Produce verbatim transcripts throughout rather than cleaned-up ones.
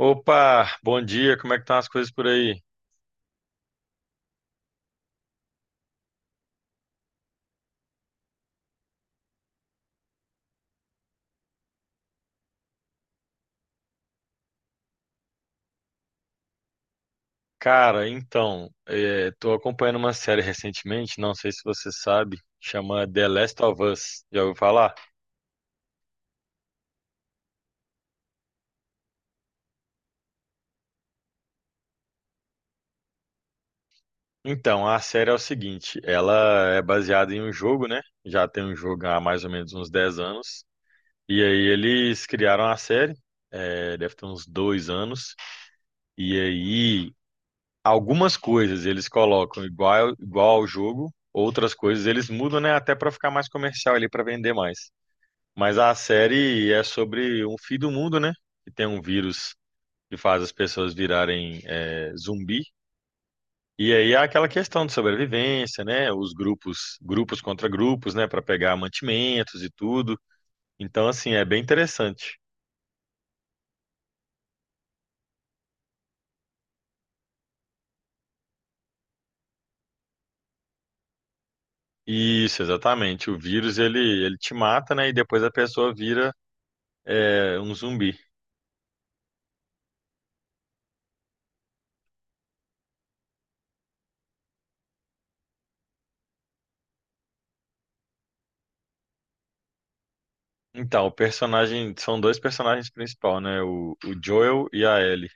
Opa, bom dia, como é que estão as coisas por aí? Cara, então, estou acompanhando uma série recentemente, não sei se você sabe, chama The Last of Us, já ouviu falar? Então, a série é o seguinte, ela é baseada em um jogo, né? Já tem um jogo há mais ou menos uns dez anos, e aí eles criaram a série, é, deve ter uns dois anos, e aí algumas coisas eles colocam igual, igual ao jogo, outras coisas eles mudam, né? Até para ficar mais comercial ali, para vender mais. Mas a série é sobre um fim do mundo, né? Que tem um vírus que faz as pessoas virarem é, zumbi. E aí é aquela questão de sobrevivência, né? Os grupos, grupos contra grupos, né? Para pegar mantimentos e tudo. Então, assim, é bem interessante. Isso, exatamente. O vírus ele, ele te mata, né? E depois a pessoa vira é, um zumbi. Então, o personagem são dois personagens principais, né? O, o Joel e a Ellie.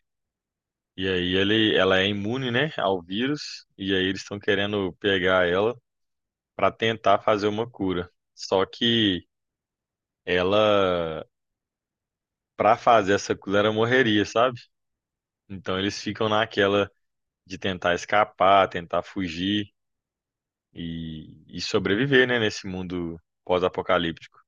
E aí ele, ela é imune, né, ao vírus, e aí eles estão querendo pegar ela para tentar fazer uma cura. Só que ela, para fazer essa cura, ela morreria, sabe? Então eles ficam naquela de tentar escapar, tentar fugir e, e sobreviver, né, nesse mundo pós-apocalíptico.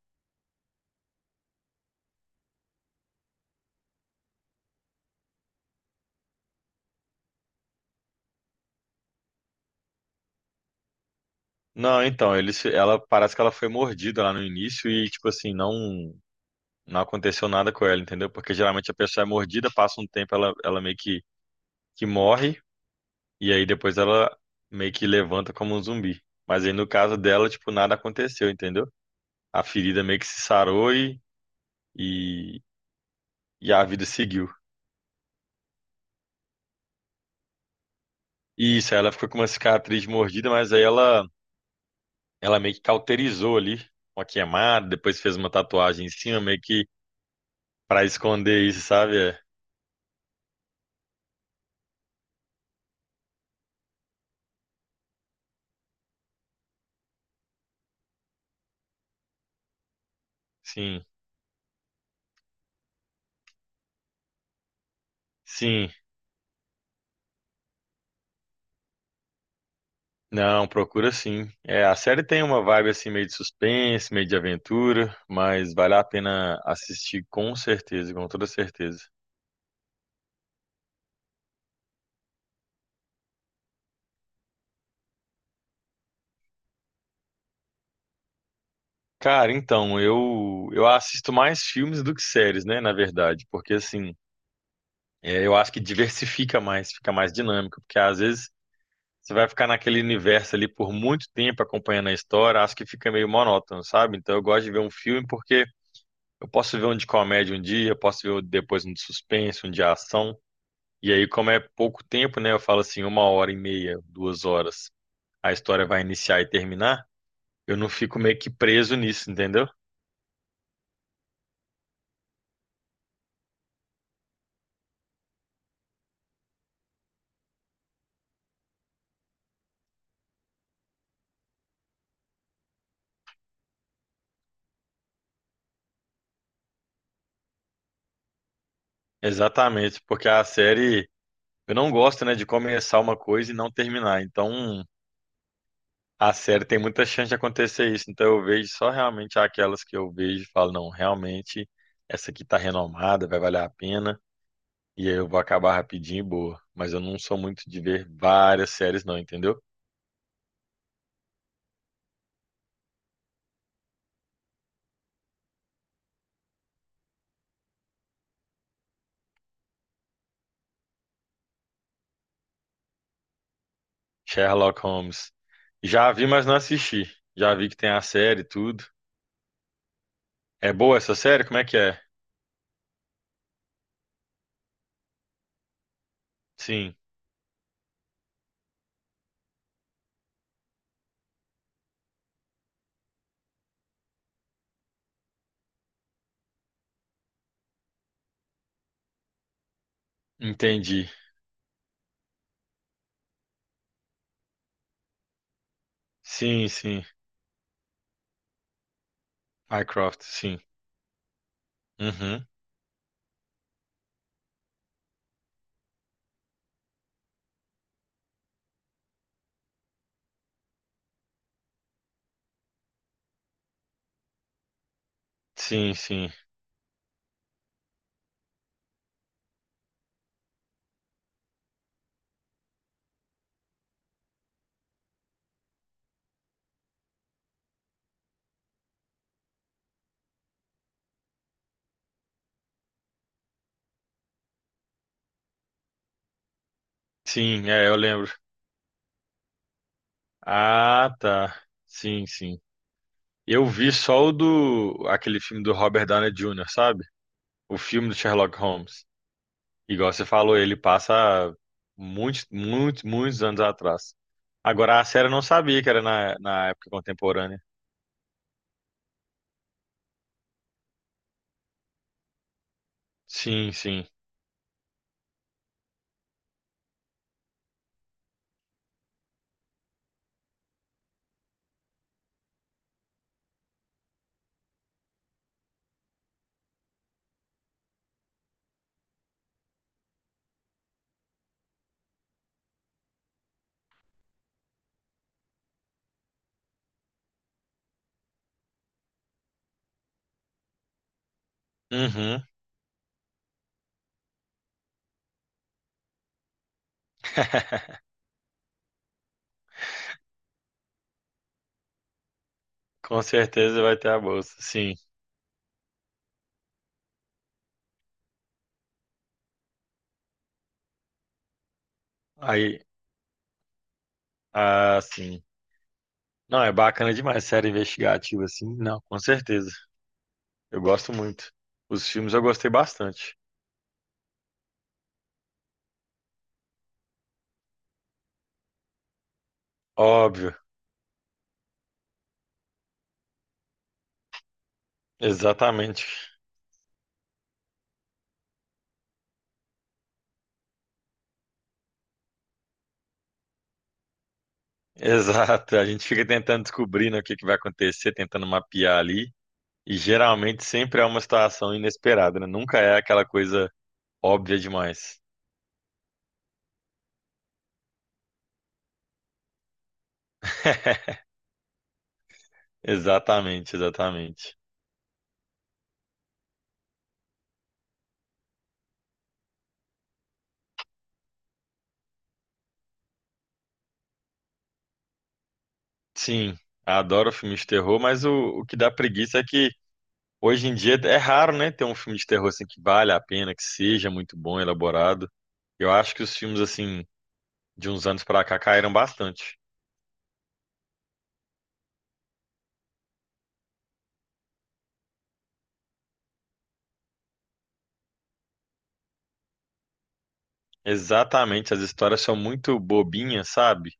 Não, então, eles, ela parece que ela foi mordida lá no início e, tipo assim, não, não aconteceu nada com ela, entendeu? Porque geralmente a pessoa é mordida, passa um tempo, ela, ela meio que, que morre. E aí depois ela meio que levanta como um zumbi. Mas aí no caso dela, tipo, nada aconteceu, entendeu? A ferida meio que se sarou e, e, e a vida seguiu. E isso, aí ela ficou com uma cicatriz mordida, mas aí ela, ela meio que cauterizou ali, uma queimada, depois fez uma tatuagem em cima, meio que pra esconder isso, sabe? É, sim, sim. Não, procura sim. É, a série tem uma vibe assim meio de suspense, meio de aventura, mas vale a pena assistir com certeza, com toda certeza. Cara, então, eu, eu assisto mais filmes do que séries, né, na verdade, porque assim, é, eu acho que diversifica mais, fica mais dinâmico, porque às vezes você vai ficar naquele universo ali por muito tempo acompanhando a história, acho que fica meio monótono, sabe? Então eu gosto de ver um filme porque eu posso ver um de comédia um dia, eu posso ver depois um de suspense, um de ação, e aí como é pouco tempo, né, eu falo assim, uma hora e meia, duas horas, a história vai iniciar e terminar, eu não fico meio que preso nisso, entendeu? Exatamente, porque a série eu não gosto, né, de começar uma coisa e não terminar. Então, a série tem muita chance de acontecer isso. Então, eu vejo só realmente aquelas que eu vejo e falo, não, realmente essa aqui tá renomada, vai valer a pena. E aí eu vou acabar rapidinho e boa. Mas eu não sou muito de ver várias séries, não, entendeu? Sherlock Holmes. Já vi, mas não assisti. Já vi que tem a série e tudo. É boa essa série? Como é que é? Sim, entendi. Sim, sim. Mycroft, sim. Uhum. Sim, sim. Sim, é, eu lembro. Ah, tá. Sim, sim. Eu vi só o do aquele filme do Robert Downey júnior, sabe? O filme do Sherlock Holmes. Igual você falou, ele passa muitos, muitos, muitos anos atrás. Agora a série eu não sabia que era na, na época contemporânea. Sim, sim. Uhum. Com certeza vai ter a bolsa. Sim. Aí, ah, sim. Não, é bacana demais série investigativa assim. Não, com certeza. Eu gosto muito. Os filmes eu gostei bastante. Óbvio. Exatamente. Exato. A gente fica tentando descobrir, né, o que que vai acontecer, tentando mapear ali. E geralmente sempre é uma situação inesperada, né? Nunca é aquela coisa óbvia demais. Exatamente, exatamente. Sim, adoro filme de terror, mas o, o que dá preguiça é que hoje em dia é raro, né, ter um filme de terror assim que vale a pena, que seja muito bom, elaborado. Eu acho que os filmes assim de uns anos pra cá caíram bastante. Exatamente, as histórias são muito bobinhas, sabe?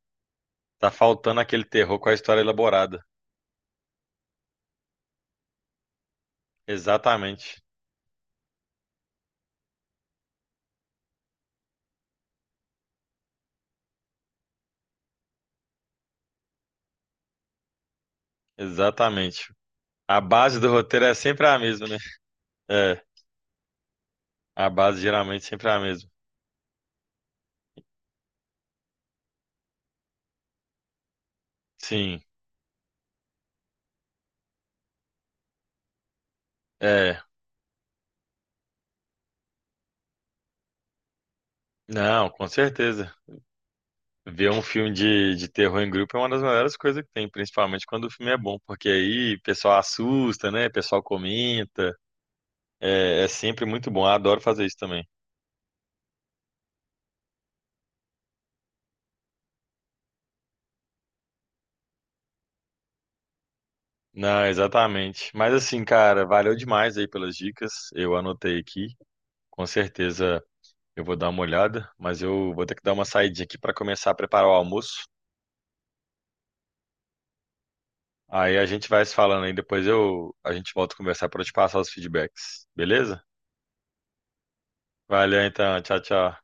Tá faltando aquele terror com a história elaborada. Exatamente. Exatamente. A base do roteiro é sempre a mesma, né? É, a base geralmente sempre é a mesma. Sim, é. Não, com certeza. Ver um filme de, de terror em grupo é uma das melhores coisas que tem, principalmente quando o filme é bom, porque aí o pessoal assusta, né? O pessoal comenta. É, é sempre muito bom. Eu adoro fazer isso também. Não, exatamente. Mas assim, cara, valeu demais aí pelas dicas. Eu anotei aqui. Com certeza eu vou dar uma olhada, mas eu vou ter que dar uma saidinha aqui para começar a preparar o almoço. Aí a gente vai se falando aí, depois eu a gente volta a conversar para eu te passar os feedbacks. Beleza? Valeu então, tchau, tchau.